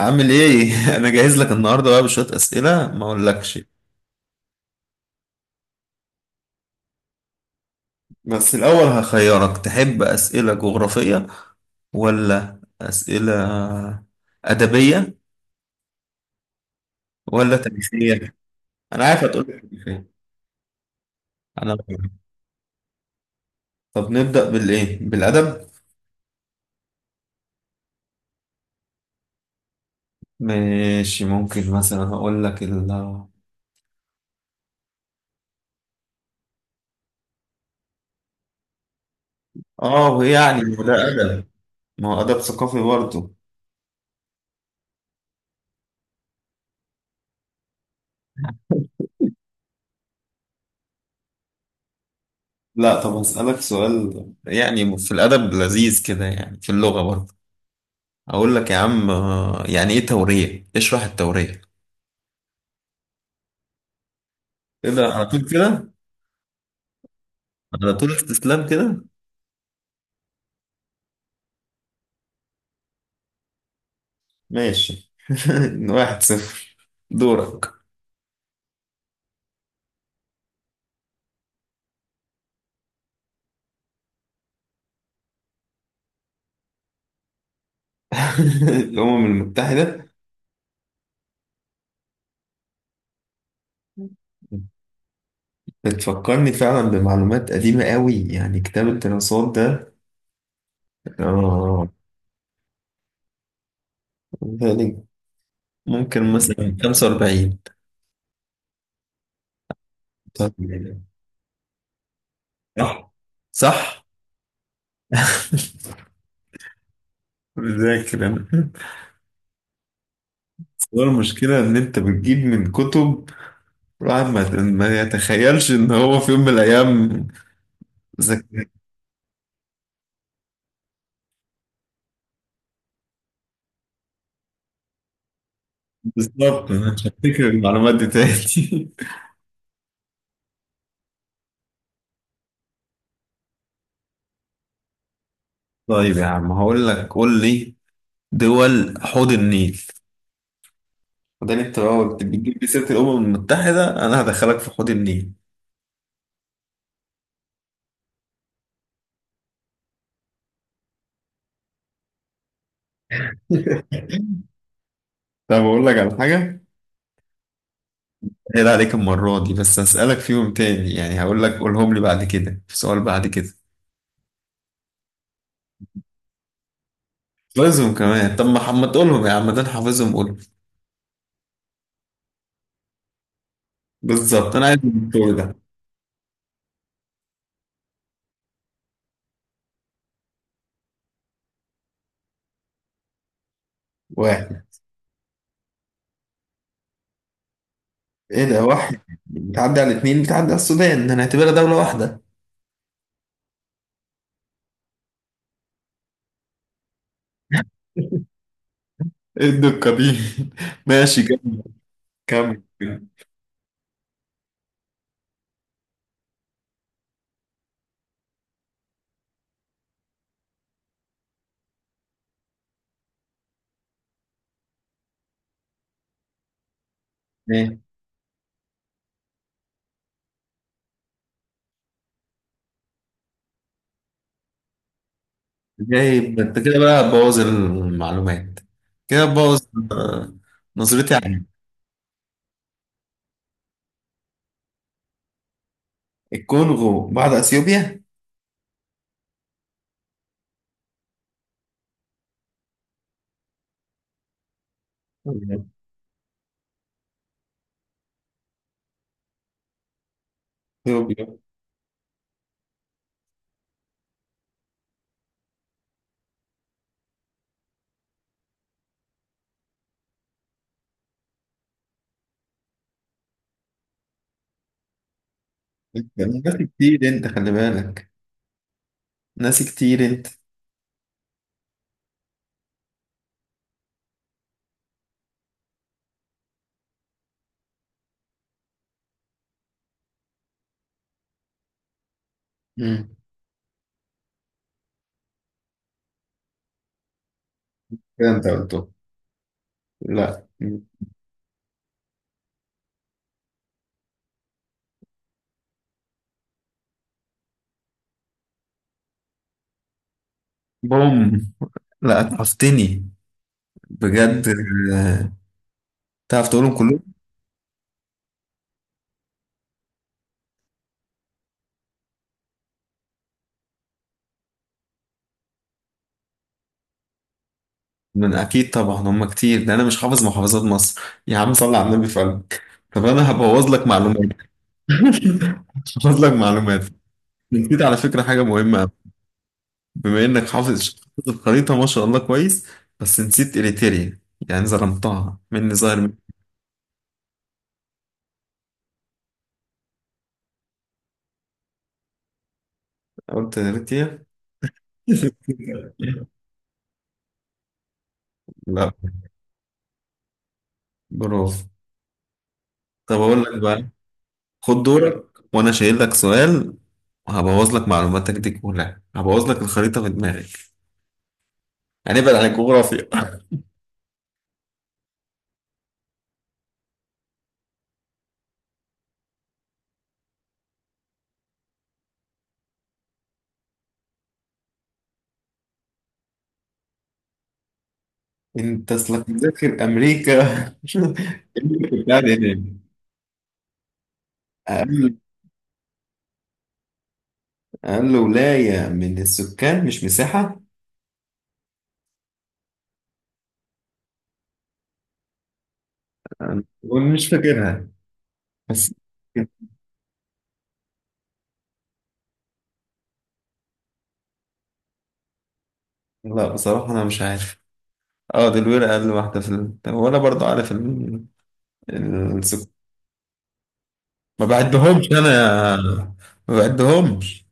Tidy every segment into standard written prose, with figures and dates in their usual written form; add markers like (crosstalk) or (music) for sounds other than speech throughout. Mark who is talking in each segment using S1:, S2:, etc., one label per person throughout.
S1: عامل ايه؟ (laughs) انا جاهز لك النهارده بقى بشوية اسئلة ما اقولكش بس الاول هخيرك تحب اسئلة جغرافية ولا اسئلة ادبية ولا تاريخية؟ انا عارف هتقول لي تاريخية انا. طب نبدأ بالايه؟ بالادب؟ ماشي ممكن مثلا هقول لك ال اه يعني ما هو ده ادب، ما هو ادب ثقافي برضه. لا طب هسألك سؤال، يعني في الادب لذيذ كده، يعني في اللغة برضه. اقول لك يا عم آه، يعني ايه تورية؟ اشرح التورية كده على طول، كده على طول استسلام كده؟ ماشي. (laughs) واحد صفر. دورك. (laughs) الأمم المتحدة بتفكرني فعلا بمعلومات قديمة قوي، يعني كتاب الدراسات ده. اه، يعني ممكن مثلا 45. طب، صح صح. (laughs) بذاكر انا. هو المشكلة إن أنت بتجيب من كتب الواحد ما يتخيلش ان هو في يوم من الايام ذك... بالظبط انا مش هفتكر المعلومات دي تاني. (laughs) طيب يا عم هقول لك، قول لي دول حوض النيل. ده انت لو بتجيب لي سيره الامم المتحده انا هدخلك في حوض النيل. طب اقول لك على حاجه، هي عليك المره دي بس، هسالك فيهم تاني، يعني هقول لك قولهم لي بعد كده في سؤال بعد كده. حافظهم كمان؟ طب ما تقولهم يا عم، ده انا حافظهم، قول. بالظبط انا عايز الدور ده. واحد. ايه ده واحد؟ بتعدي على اتنين، بتعدي على السودان، هنعتبرها دولة واحدة. ايه الدقة دي؟ (laughs) ماشي، كمل. كمل. ايه جايب انت كده؟ بقى هتبوظ المعلومات، كده هتبوظ. آه، نظرتي عنك. الكونغو بعد اثيوبيا؟ اثيوبيا. انت ناسي كتير انت، خلي بالك. ناسي كتير انت. مم. كده انت قلته. لا. بوم. لا اتعفتني، بجد. آه، تعرف تقولهم كلهم؟ من اكيد طبعا هم كتير، ده انا مش حافظ محافظات مصر، يا عم صل على النبي في قلبك. طب انا هبوظ لك معلومات. (laughs) هبوظ لك معلومات. نسيت على فكره حاجه مهمه أوي. بما انك حافظ الخريطه ما شاء الله كويس، بس نسيت اريتريا، يعني ظلمتها. مني ظاهر مني. قلت اريتريا. (laughs) لا، برافو. طب اقول لك بقى، خد دورك. وانا شايل لك سؤال، وهبوظ لك معلوماتك دي كلها، هبوظ لك الخريطه في دماغك. هنبعد عن الجغرافيا. انت اصلك مذاكر امريكا. (laughs) أمريكا بتاع ده يعني. اقل، اقل ولايه من السكان مش مساحه. أنا مش فاكرها بس. لا بصراحه انا مش عارف. اه دي الولايه اقل واحده في هو انا برضو عارف السكان. ما بعدهمش انا، ما بعدهمش.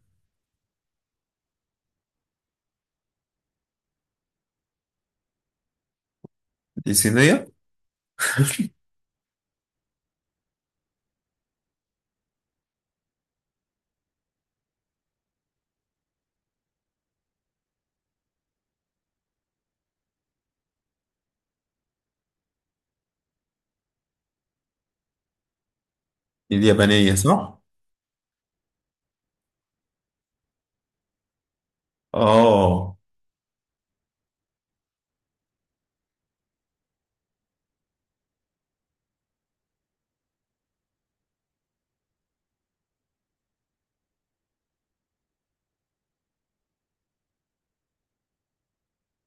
S1: دي صينيه. دي اليابانيه صح. اه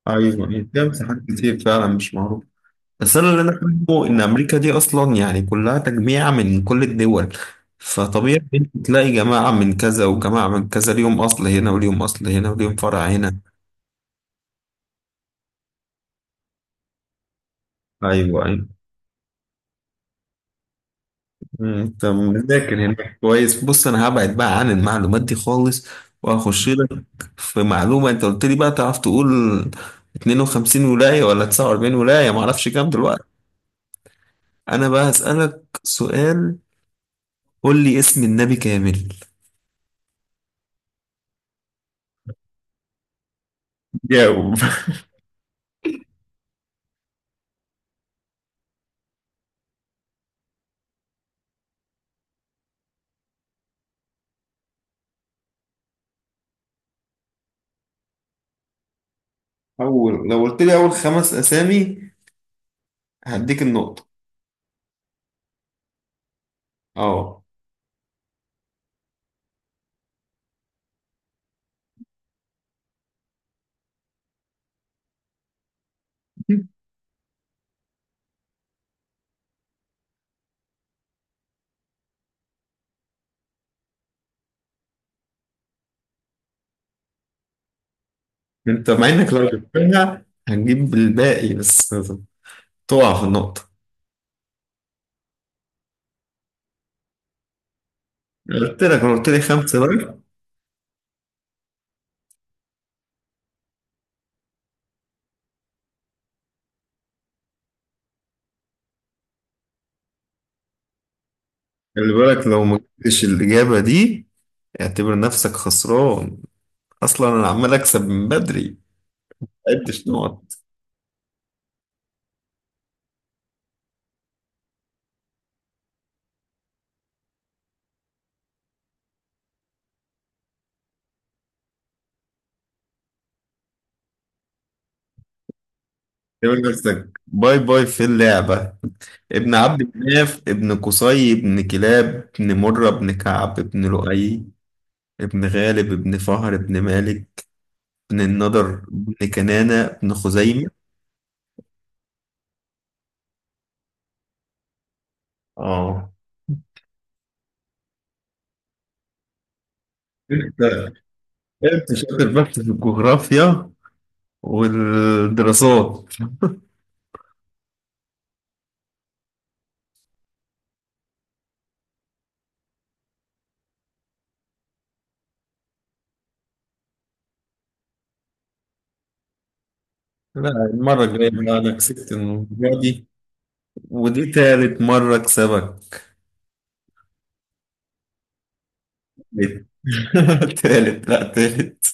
S1: ايوه، دي مساحات كتير فعلا مش معروفه. بس انا اللي انا فاهمه ان امريكا دي اصلا يعني كلها تجميع من كل الدول، فطبيعي إنت تلاقي جماعة من كذا وجماعة من كذا، ليهم اصل هنا وليهم اصل هنا وليهم فرع هنا. ايوه ايوه. طب مذاكر هناك كويس. بص انا هبعد بقى عن المعلومات دي خالص، واخش لك في معلومة. انت قلت لي بقى تعرف تقول 52 ولاية ولا 49 ولاية، معرفش كام دلوقتي. انا بقى هسألك سؤال، قول لي اسم النبي كامل. جاوب. اول، لو قلت لي اول خمس اسامي هديك النقطة. اه. (laughs) انت مع انك لو جبتها هتجيب الباقي، بس تقع في النقطة. قلت لك لو قلت لي خمسة بقى. خلي بالك لو ما جبتش الإجابة دي، اعتبر نفسك خسران، أصلا أنا عمال أكسب من بدري، ما عدتش نقط. اعتبر نفسك باي باي في اللعبة. ابن عبد مناف، ابن قصي، ابن كلاب، ابن مرة، ابن كعب، ابن لؤي، ابن غالب، ابن فهر، ابن مالك، بن النضر، بن كنانة، بن خزيمة. اه. انت، انت شاطر بس في الجغرافيا والدراسات. لا المرة الجاية بقى، انا كسبت المرة دي، ودي تالت مرة اكسبك. (laughs) تالت، لا تالت.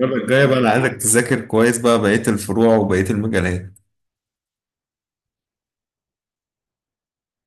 S1: المرة الجاية بقى انا عايزك تذاكر كويس بقى بقية الفروع وبقية المجالات.